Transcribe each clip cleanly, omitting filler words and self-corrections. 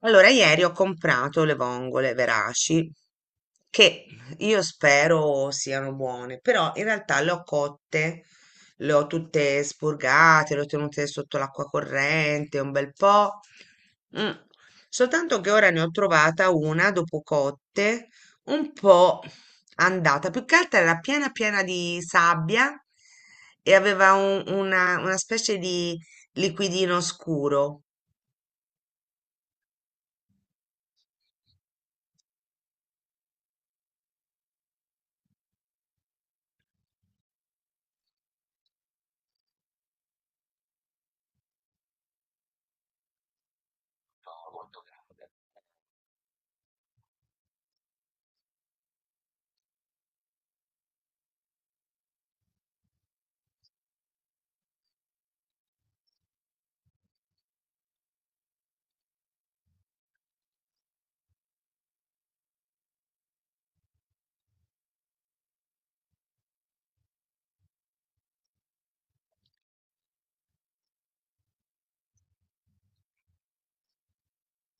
Allora, ieri ho comprato le vongole veraci che io spero siano buone, però in realtà le ho cotte, le ho tutte spurgate, le ho tenute sotto l'acqua corrente un bel po'. mm. Soltanto che ora ne ho trovata una dopo cotte un po' andata, più che altro era piena di sabbia e aveva una specie di liquidino scuro.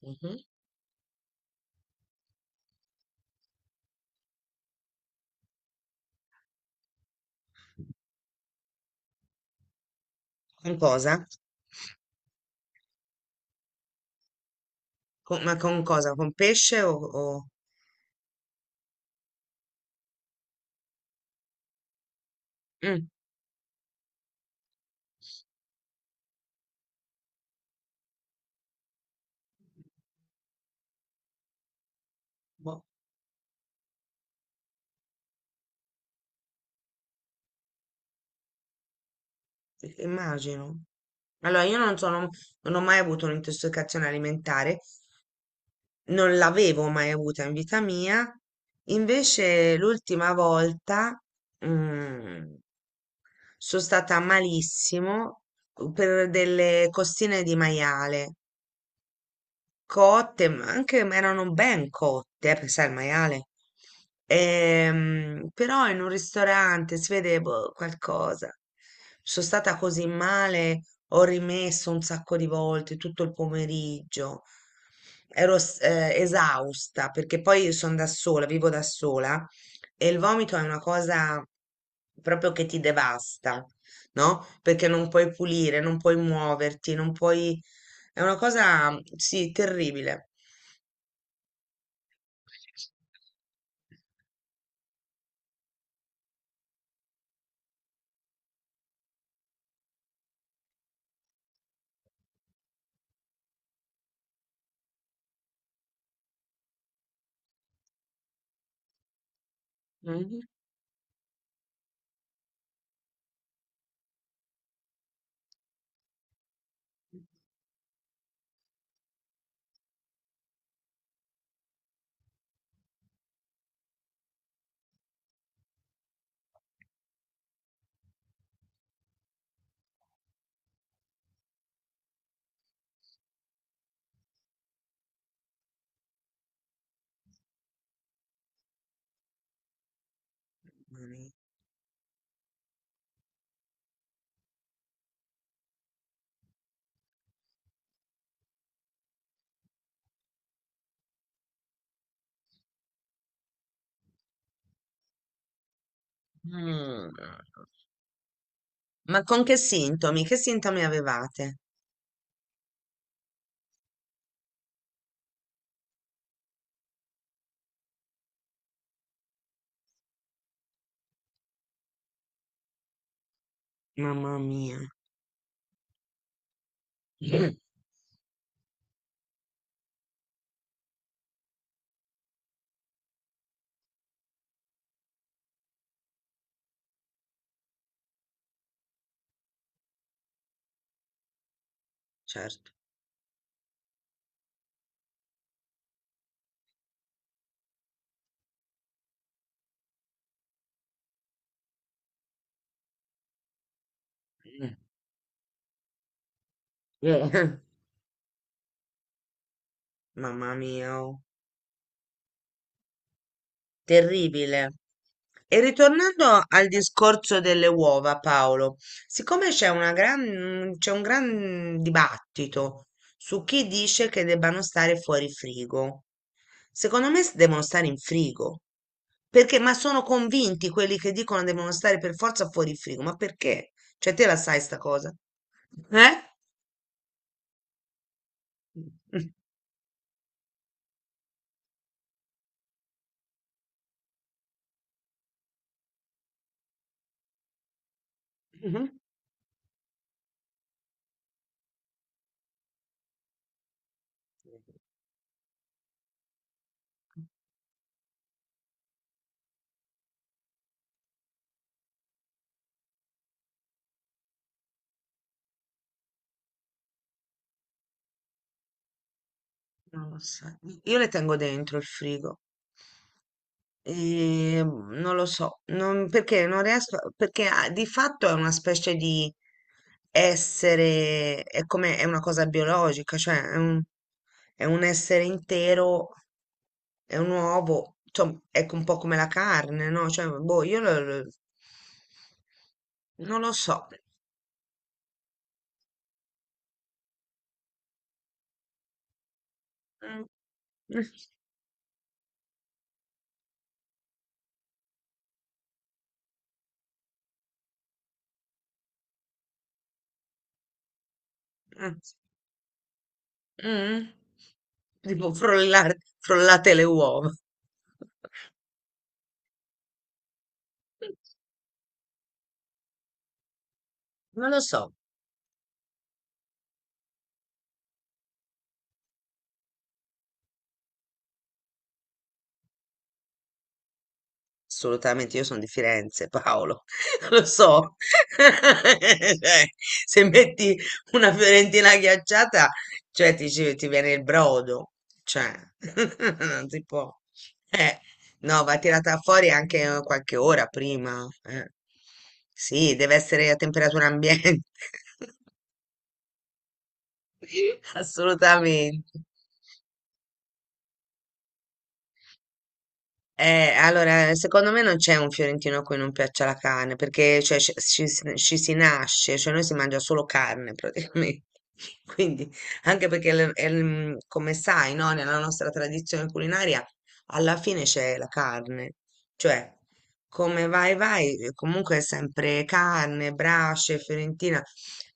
Mhm. Con cosa? Ma con cosa? Con pesce o... Mm. Boh. Immagino. Allora, io non sono, non ho mai avuto un'intossicazione alimentare, non l'avevo mai avuta in vita mia. Invece, l'ultima volta, mm, sono stata malissimo per delle costine di maiale. Cotte, ma anche ma erano ben cotte, perché sai, il maiale. Però in un ristorante si vede boh, qualcosa. Sono stata così male, ho rimesso un sacco di volte tutto il pomeriggio. Ero esausta perché poi sono da sola, vivo da sola e il vomito è una cosa proprio che ti devasta, no? Perché non puoi pulire, non puoi muoverti, non puoi è una cosa, sì, terribile. Mhm. Mm. Ma con che sintomi? Che sintomi avevate? Mamma mia. Mm. Certo. Mm. Mamma mia. Oh. Terribile. E ritornando al discorso delle uova, Paolo, siccome c'è una gran, c'è un gran dibattito su chi dice che debbano stare fuori frigo, secondo me devono stare in frigo, perché, ma sono convinti quelli che dicono devono stare per forza fuori frigo, ma perché? Cioè, te la sai sta cosa? Eh? Mhm. Non lo so. Io le tengo dentro il frigo. E non lo so, non- perché non riesco, perché ah, di fatto è una specie di essere, è come, è una cosa biologica, cioè è un essere intero, è un uovo, insomma, è un po' come la carne, no? Cioè, boh, io non lo so. Mm. Mm. Mm. Tipo frollare, frollate le uova. Non lo so. Assolutamente, io sono di Firenze, Paolo, lo so. Cioè, se metti una fiorentina ghiacciata, cioè ti, ti viene il brodo, cioè, non si può. Eh, no, va tirata fuori anche qualche ora prima. Eh. Sì, deve essere a temperatura ambiente, assolutamente. Allora, secondo me non c'è un fiorentino a cui non piaccia la carne, perché cioè, ci, ci si nasce, cioè noi si mangia solo carne praticamente. Quindi, anche perché, come sai, no, nella nostra tradizione culinaria, alla fine c'è la carne. Cioè, come vai, vai, comunque è sempre carne, brace, fiorentina.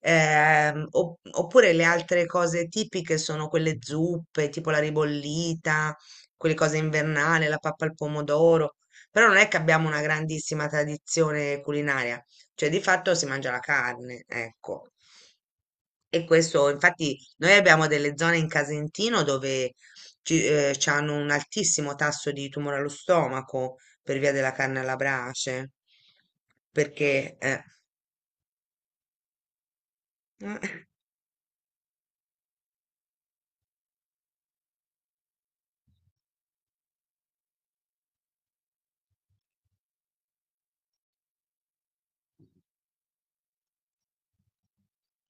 Oppure le altre cose tipiche sono quelle zuppe, tipo la ribollita quelle cose invernali, la pappa al pomodoro, però non è che abbiamo una grandissima tradizione culinaria, cioè di fatto si mangia la carne, ecco. E questo, infatti, noi abbiamo delle zone in Casentino dove ci, ci hanno un altissimo tasso di tumore allo stomaco per via della carne alla brace, perché,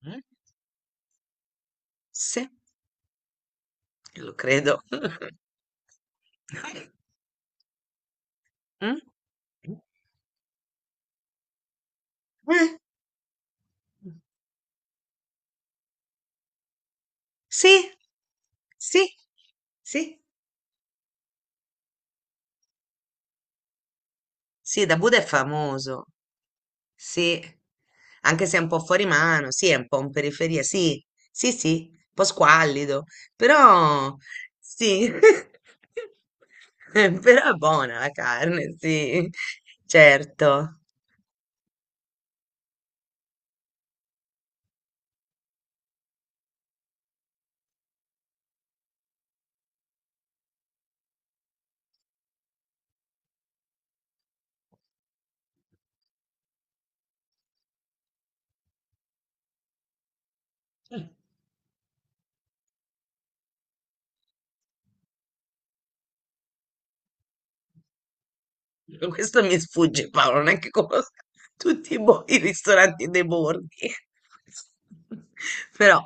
Mm? Sì, lo credo. Mm? Eh, Sì, sì, sì. Sì, da Buda è famoso, sì, anche se è un po' fuori mano, sì, è un po' in periferia, sì, sì, sì, un po' squallido, però sì, però è buona la carne, sì, certo. Questo mi sfugge, Paolo, non è che conosco tutti i, i ristoranti dei borghi. Però,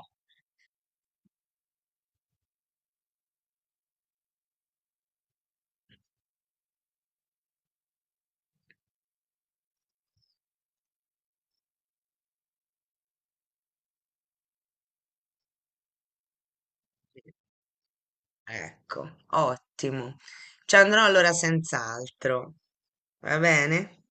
ecco, ottimo. Ci andrò allora senz'altro. Va bene?